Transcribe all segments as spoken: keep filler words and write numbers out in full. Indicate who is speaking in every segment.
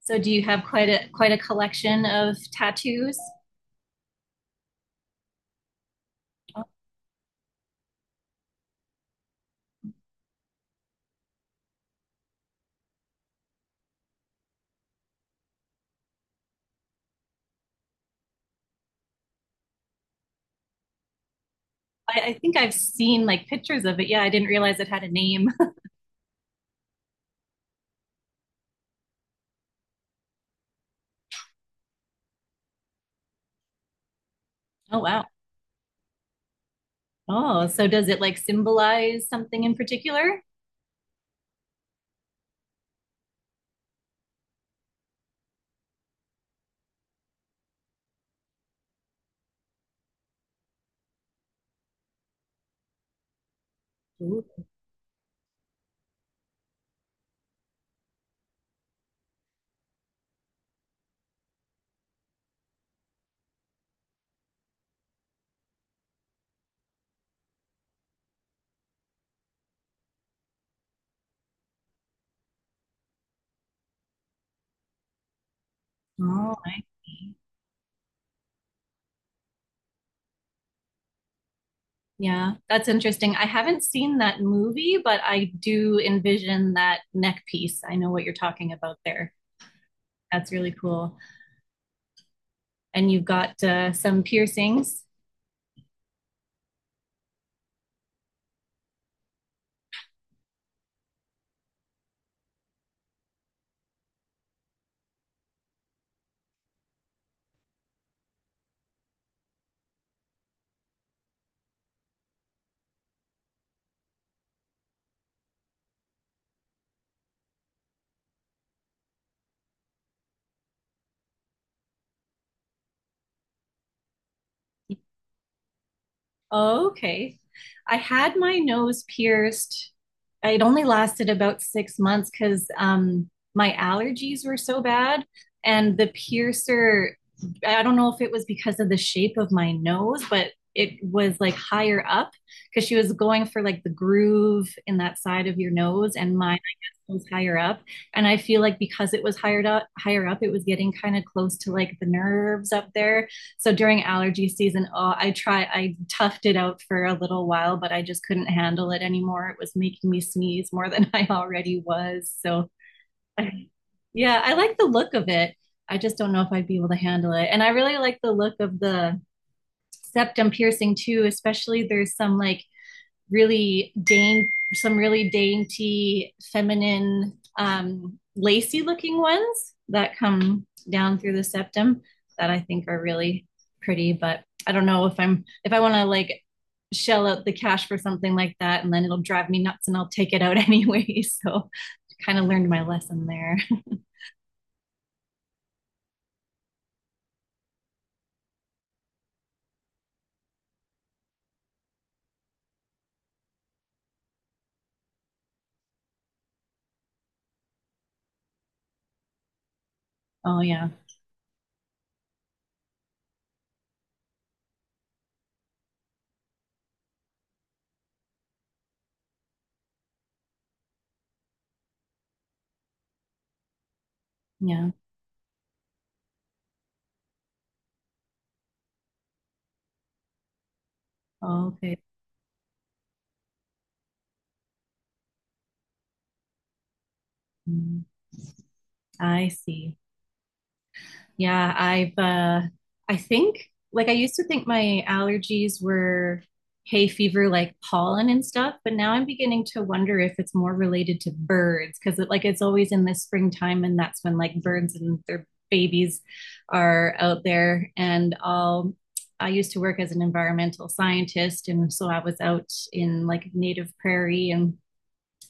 Speaker 1: So do you have quite a quite a collection of tattoos? I I think I've seen like pictures of it. Yeah, I didn't realize it had a name. Oh wow. Oh, so does it like symbolize something in particular? Ooh. Oh, I see. Yeah, that's interesting. I haven't seen that movie, but I do envision that neck piece. I know what you're talking about there. That's really cool. And you've got uh, some piercings. Oh, okay. I had my nose pierced. It only lasted about six months because um, my allergies were so bad. And the piercer, I don't know if it was because of the shape of my nose, but it was like higher up because she was going for like the groove in that side of your nose. And mine, I guess, was higher up. And I feel like because it was higher up, higher up, it was getting kind of close to like the nerves up there. So during allergy season, oh, I try I toughed it out for a little while, but I just couldn't handle it anymore. It was making me sneeze more than I already was. So yeah, I like the look of it. I just don't know if I'd be able to handle it. And I really like the look of the septum piercing too, especially there's some like really dainty, some really dainty, feminine, um, lacy looking ones that come down through the septum that I think are really pretty. But I don't know if I'm, if I want to like shell out the cash for something like that and then it'll drive me nuts and I'll take it out anyway. So kind of learned my lesson there. Oh, yeah. Yeah. Oh, okay. Mm, I see. Yeah, I've uh I think like I used to think my allergies were hay fever like pollen and stuff, but now I'm beginning to wonder if it's more related to birds because it like it's always in the springtime and that's when like birds and their babies are out there and I'll I used to work as an environmental scientist and so I was out in like native prairie and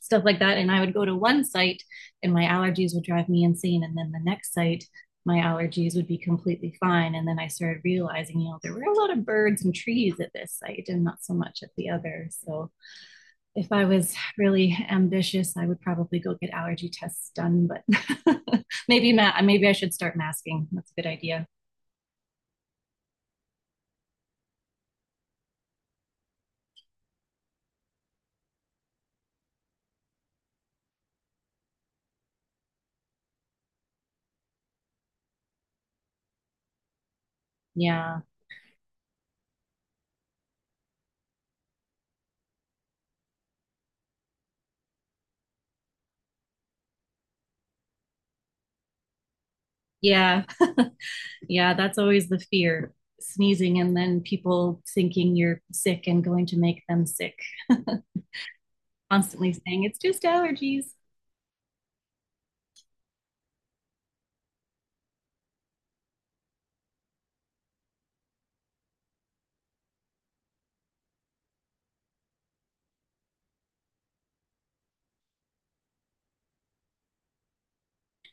Speaker 1: stuff like that. And I would go to one site and my allergies would drive me insane. And then the next site, my allergies would be completely fine. And then I started realizing, you know, there were a lot of birds and trees at this site and not so much at the other. So if I was really ambitious, I would probably go get allergy tests done. But maybe ma- maybe I should start masking. That's a good idea. Yeah. Yeah. Yeah. That's always the fear sneezing and then people thinking you're sick and going to make them sick constantly saying it's just allergies.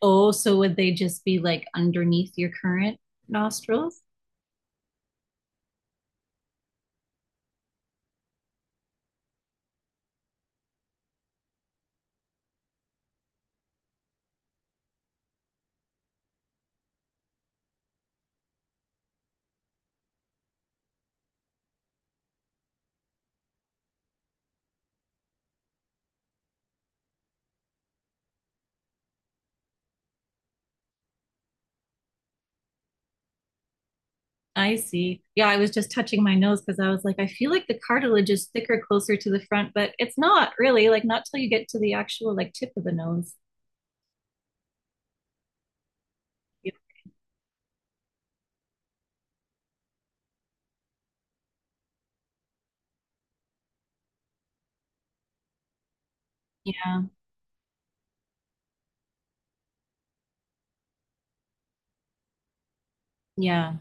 Speaker 1: Oh, so would they just be like underneath your current nostrils? I see. Yeah, I was just touching my nose because I was like, I feel like the cartilage is thicker closer to the front, but it's not really like not till you get to the actual like tip of the nose. Yeah, yeah,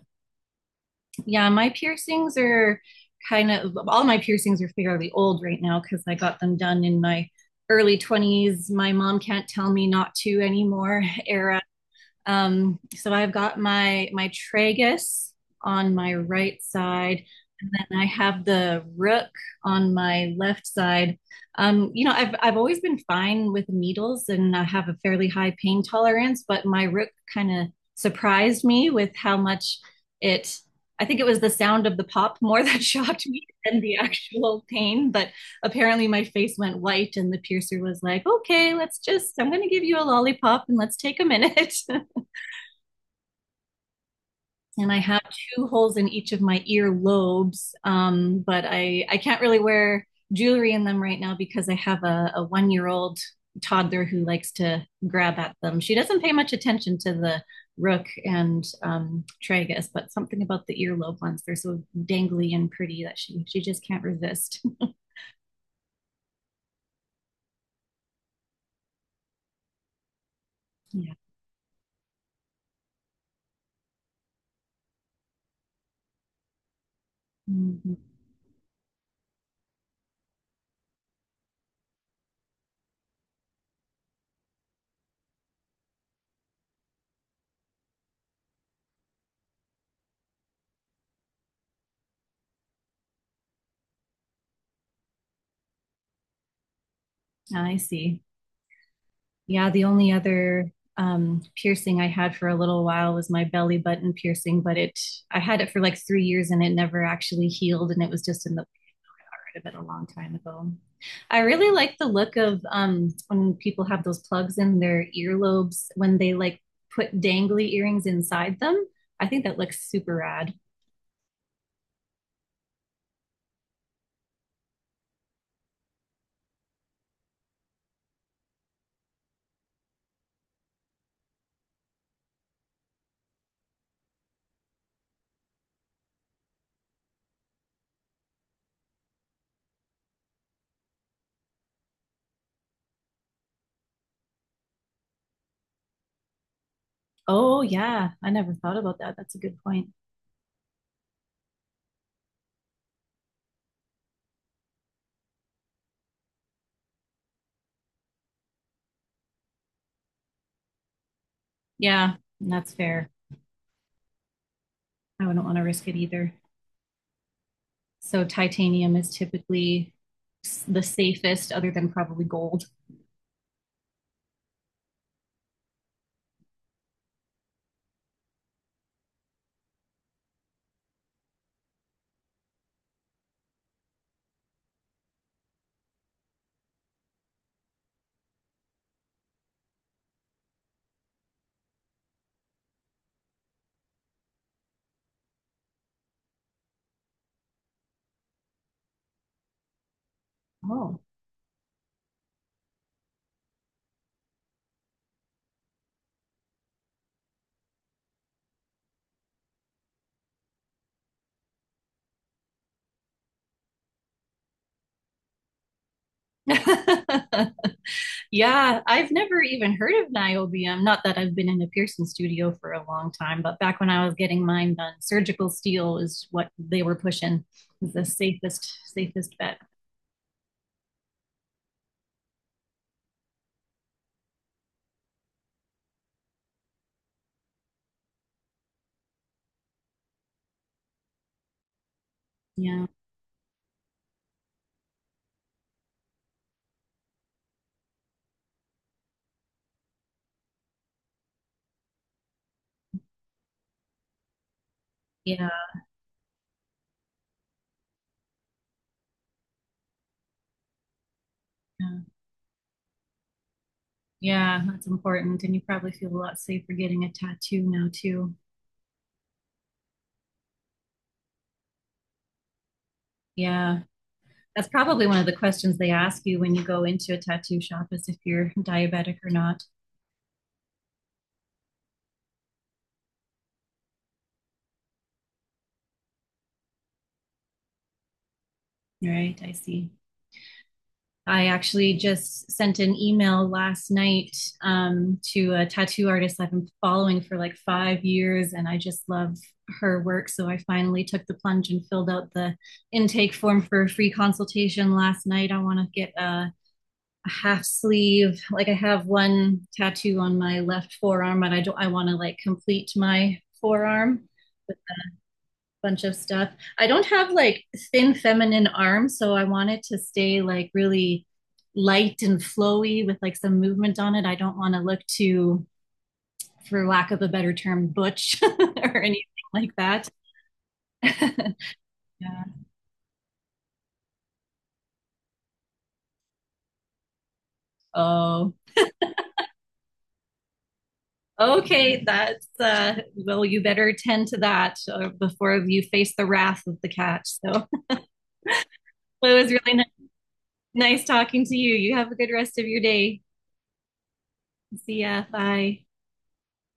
Speaker 1: yeah. My piercings are Kind of all my piercings are fairly old right now because I got them done in my early twenties. My mom can't tell me not to anymore era. Um, so I've got my my tragus on my right side, and then I have the rook on my left side. Um, you know, I've I've always been fine with needles, and I have a fairly high pain tolerance, but my rook kind of surprised me with how much it. I think it was the sound of the pop more that shocked me than the actual pain. But apparently, my face went white, and the piercer was like, "Okay, let's just. I'm going to give you a lollipop, and let's take a minute." And I have two holes in each of my ear lobes. Um, but I, I can't really wear jewelry in them right now because I have a, a one year old toddler who likes to grab at them. She doesn't pay much attention to the rook and um, tragus, but something about the earlobe ones, they're so dangly and pretty that she, she just can't resist. Yeah. Mm-hmm. Ah, I see. Yeah, the only other um, piercing I had for a little while was my belly button piercing, but it I had it for like three years and it never actually healed, and it was just in the of it a long time ago. I really like the look of um, when people have those plugs in their earlobes when they like put dangly earrings inside them. I think that looks super rad. Oh yeah, I never thought about that. That's a good point. Yeah, that's fair. I wouldn't want to risk it either. So titanium is typically the safest, other than probably gold. Oh, yeah, I've never even heard of niobium. Not that I've been in a piercing studio for a long time, but back when I was getting mine done, surgical steel is what they were pushing. Is the safest, safest bet. Yeah, yeah, yeah, yeah. That's important, and you probably feel a lot safer getting a tattoo now too. Yeah. That's probably one of the questions they ask you when you go into a tattoo shop is if you're diabetic or not. Right, I see. I actually just sent an email last night um, to a tattoo artist I've been following for like five years, and I just love her work. So I finally took the plunge and filled out the intake form for a free consultation last night. I want to get a, a half sleeve. Like I have one tattoo on my left forearm, but I don't. I want to like complete my forearm bunch of stuff. I don't have like thin feminine arms, so I want it to stay like really light and flowy with like some movement on it. I don't want to look too, for lack of a better term, butch or anything like that. Yeah. Oh, okay. That's, uh, well, you better tend to that uh, before you face the wrath of the cat. So well, it was really ni- nice talking to you. You have a good rest of your day. See ya. Bye.